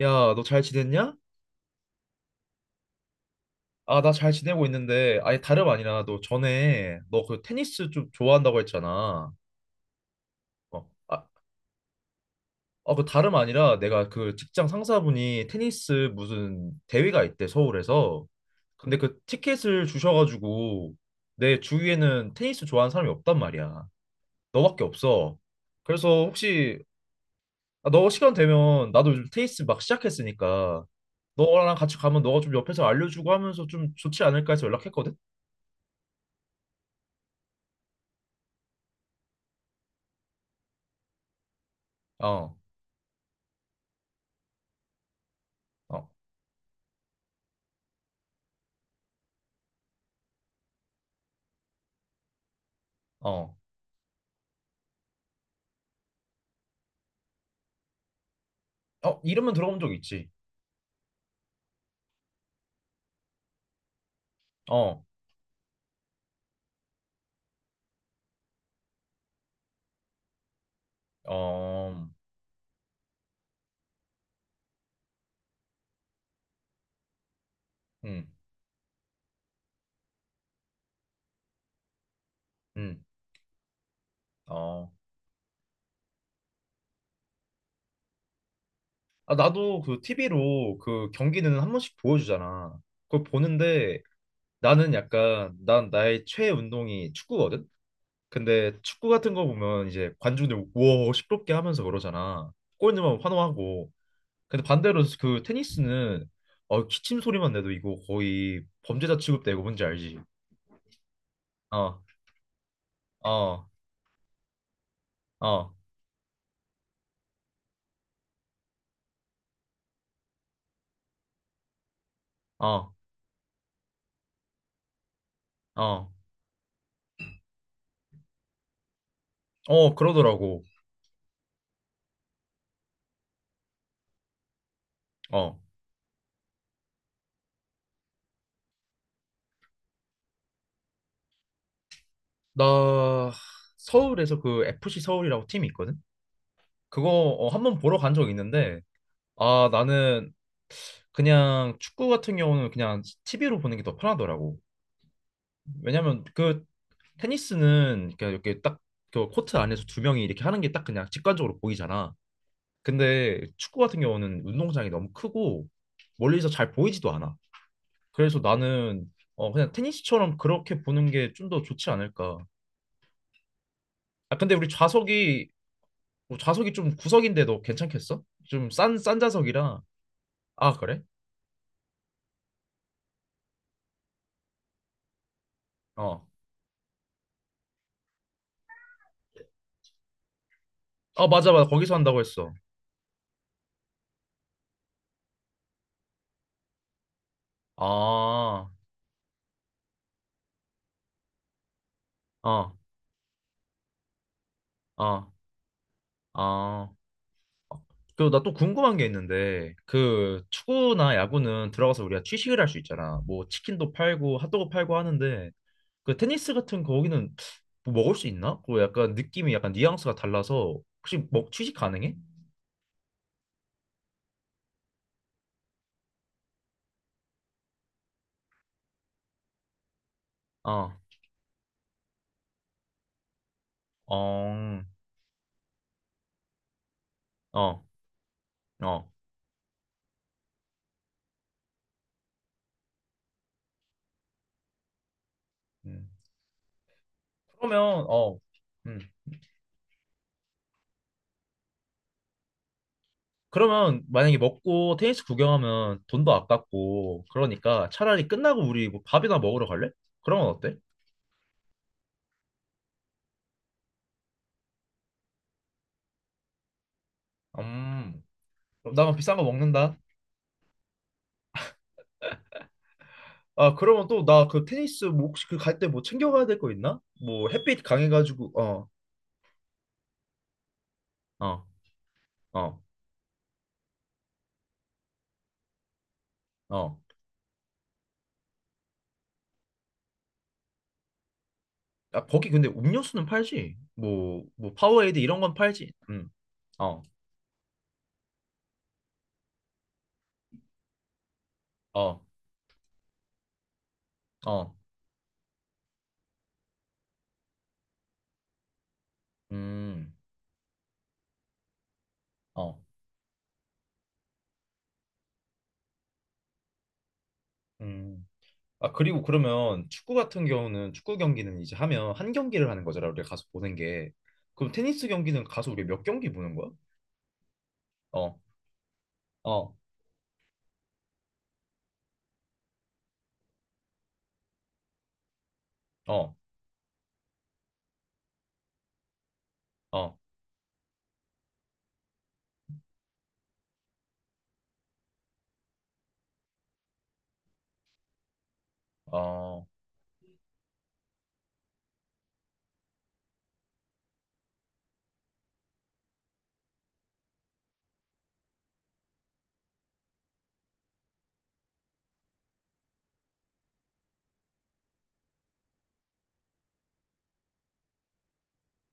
야, 너 잘 지냈냐? 아, 나 잘 지내고 있는데, 아니, 다름 아니라, 너 전에, 너 그 테니스 좀 좋아한다고 했잖아. 어, 아, 그 다름 아니라, 내가 그 직장 상사분이 테니스 무슨 대회가 있대, 서울에서. 근데 그 티켓을 주셔가지고, 내 주위에는 테니스 좋아하는 사람이 없단 말이야. 너밖에 없어. 그래서 혹시, 아, 너 시간 되면, 나도 요즘 테니스 막 시작했으니까, 너랑 같이 가면 너가 좀 옆에서 알려주고 하면서 좀 좋지 않을까 해서 연락했거든? 어. 어, 어, 어, 이름은 들어본 적 있지. 어, 어, 음, 음, 어. 아, 나도 그 TV로 그 경기는 한 번씩 보여주잖아. 그걸 보는데 나는 약간, 난 나의 최애 운동이 축구거든? 근데 축구 같은 거 보면 이제 관중들 우와, 시끄럽게 하면서 그러잖아. 골 넣으면 환호하고. 근데 반대로 그 테니스는 기침 소리만 내도 이거 거의 범죄자 취급되고 뭔지 알지? 어, 어, 어, 어, 어. 어, 그러더라고. 어. 나 서울에서 그 FC 서울이라고 팀이 있거든? 그거 한번 보러 간 적 있는데, 아, 나는 그냥 축구 같은 경우는 그냥 TV로 보는 게 더 편하더라고. 왜냐면 그 테니스는 이렇게 이렇게 딱 그 코트 안에서 두 명이 이렇게 하는 게 딱 그냥 직관적으로 보이잖아. 근데 축구 같은 경우는 운동장이 너무 크고 멀리서 잘 보이지도 않아. 그래서 나는 그냥 테니스처럼 그렇게 보는 게 좀 더 좋지 않을까. 아, 근데 우리 좌석이 뭐 좌석이 좀 구석인데도 괜찮겠어? 좀 싼 싼 좌석이라. 아, 그래? 어. 아, 맞아 맞아. 거기서 한다고 했어. 아. 아. 아. 아. 그 나 또 궁금한 게 있는데 그 축구나 야구는 들어가서 우리가 취식을 할 수 있잖아. 뭐 치킨도 팔고 핫도그 팔고 하는데 그 테니스 같은 거기는 뭐 먹을 수 있나? 그 약간 느낌이 약간 뉘앙스가 달라서 혹시 먹 취식 가능해? 어. 어. 어. 어. 음. 그러면 어. 음. 그러면 만약에 먹고 테니스 구경하면 돈도 아깝고 그러니까 차라리 끝나고 우리 뭐 밥이나 먹으러 갈래? 그런 건 어때? 음, 그럼 나만 비싼 거 먹는다. 아, 그러면 또 나 그 테니스 뭐 혹시 그 갈 때 뭐 챙겨가야 될 거 있나? 뭐 햇빛 강해가지고 어, 어, 어, 어. 아, 거기 근데 음료수는 팔지? 뭐 파워에이드 이런 건 팔지? 어, 어, 어, 음, 어, 음. 아, 그리고 그러면 축구 같은 경우는 축구 경기는 이제 하면 한 경기를 하는 거잖아, 우리가 가서 보는 게. 그럼 테니스 경기는 가서 우리가 몇 경기 보는 거야? 어, 어, 어, 어, 어,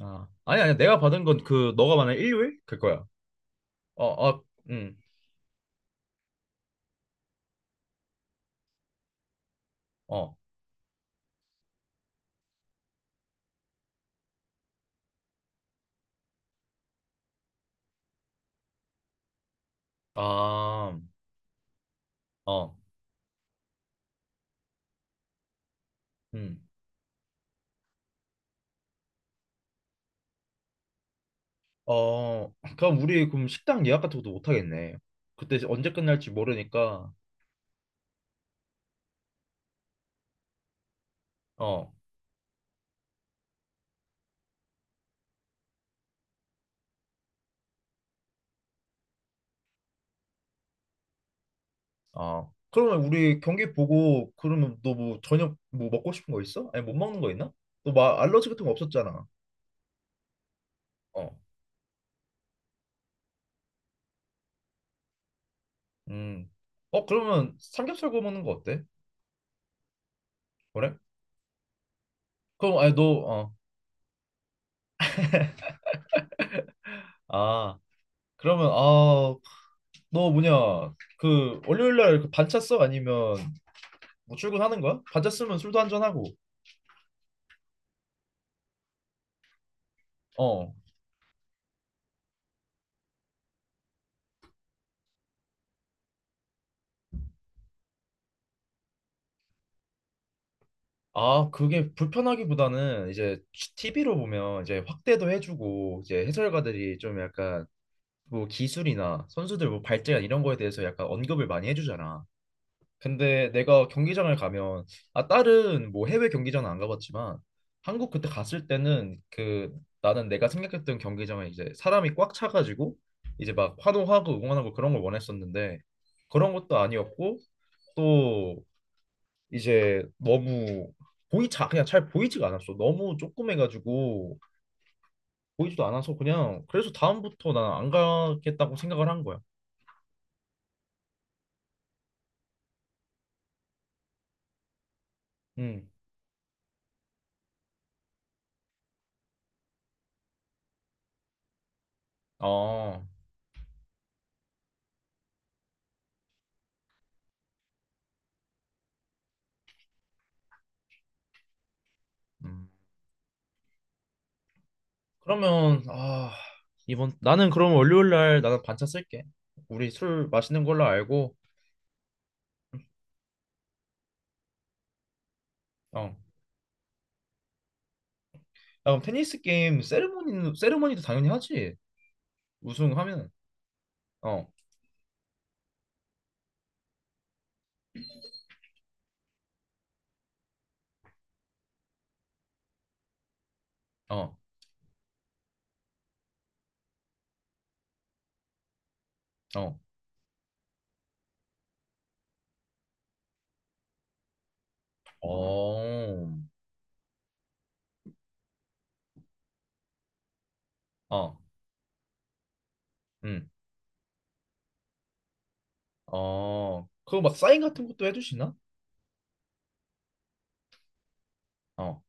아. 아니, 아니, 내가 받은 건 그, 너가 말한 일요일? 그거야. 어, 어, 아, 음, 어, 아, 어, 음, 어. 그럼 우리 그럼 식당 예약 같은 것도 못 하겠네. 그때 언제 끝날지 모르니까, 어. 아, 그러면 우리 경기 보고 그러면 너 뭐 저녁 뭐 먹고 싶은 거 있어? 아니 못 먹는 거 있나? 너 막 알러지 같은 거 없었잖아. 어. 음. 어 그러면 삼겹살 구워 먹는 거 어때? 그래? 그럼 아니 너 어. 아, 그러면 아, 너 뭐냐? 그 월요일 날그 반차 써 아니면 뭐 출근하는 거야? 반차 쓰면 술도 한 잔 하고. 어. 아, 그게 불편하기보다는 이제 TV로 보면 이제 확대도 해주고 이제 해설가들이 좀 약간 뭐 기술이나 선수들 뭐 발전 이런 거에 대해서 약간 언급을 많이 해주잖아. 근데 내가 경기장을 가면 다른 뭐 해외 경기장은 안 가봤지만 한국 그때 갔을 때는 그 나는 내가 생각했던 경기장은 이제 사람이 꽉 차가지고 이제 막 환호하고 응원하고 그런 걸 원했었는데 그런 것도 아니었고 또 이제 너무 보이차 그냥 잘 보이지가 않았어. 너무 조그매가지고 보이지도 않아서 그냥 그래서 다음부터 난 안 가겠다고 생각을 한 거야. 음. 어, 음. 그러면, 아, 이번, 나는 그럼 월요일 날 나는 반차 쓸게. 우리 술 마시는 걸로 알고, 어. 야, 그럼 테니스 게임, 세레모니도 당연히 하지. 우승하면, 어, 어, 어, 어, 어, 음, 어. 그거 막 사인 같은 것도 해주시나? 어.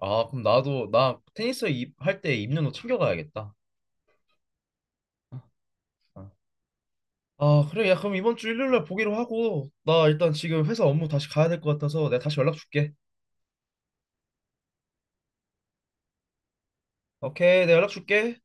아, 그럼 나도, 나 테니스 할 때 입는 옷 챙겨가야겠다. 어. 어. 아, 그래. 야, 그럼 이번 주 일요일 날 보기로 하고, 나 일단 지금 회사 업무 다시 가야 될 것 같아서 내가 다시 연락 줄게. 오케이, 내가 연락 줄게.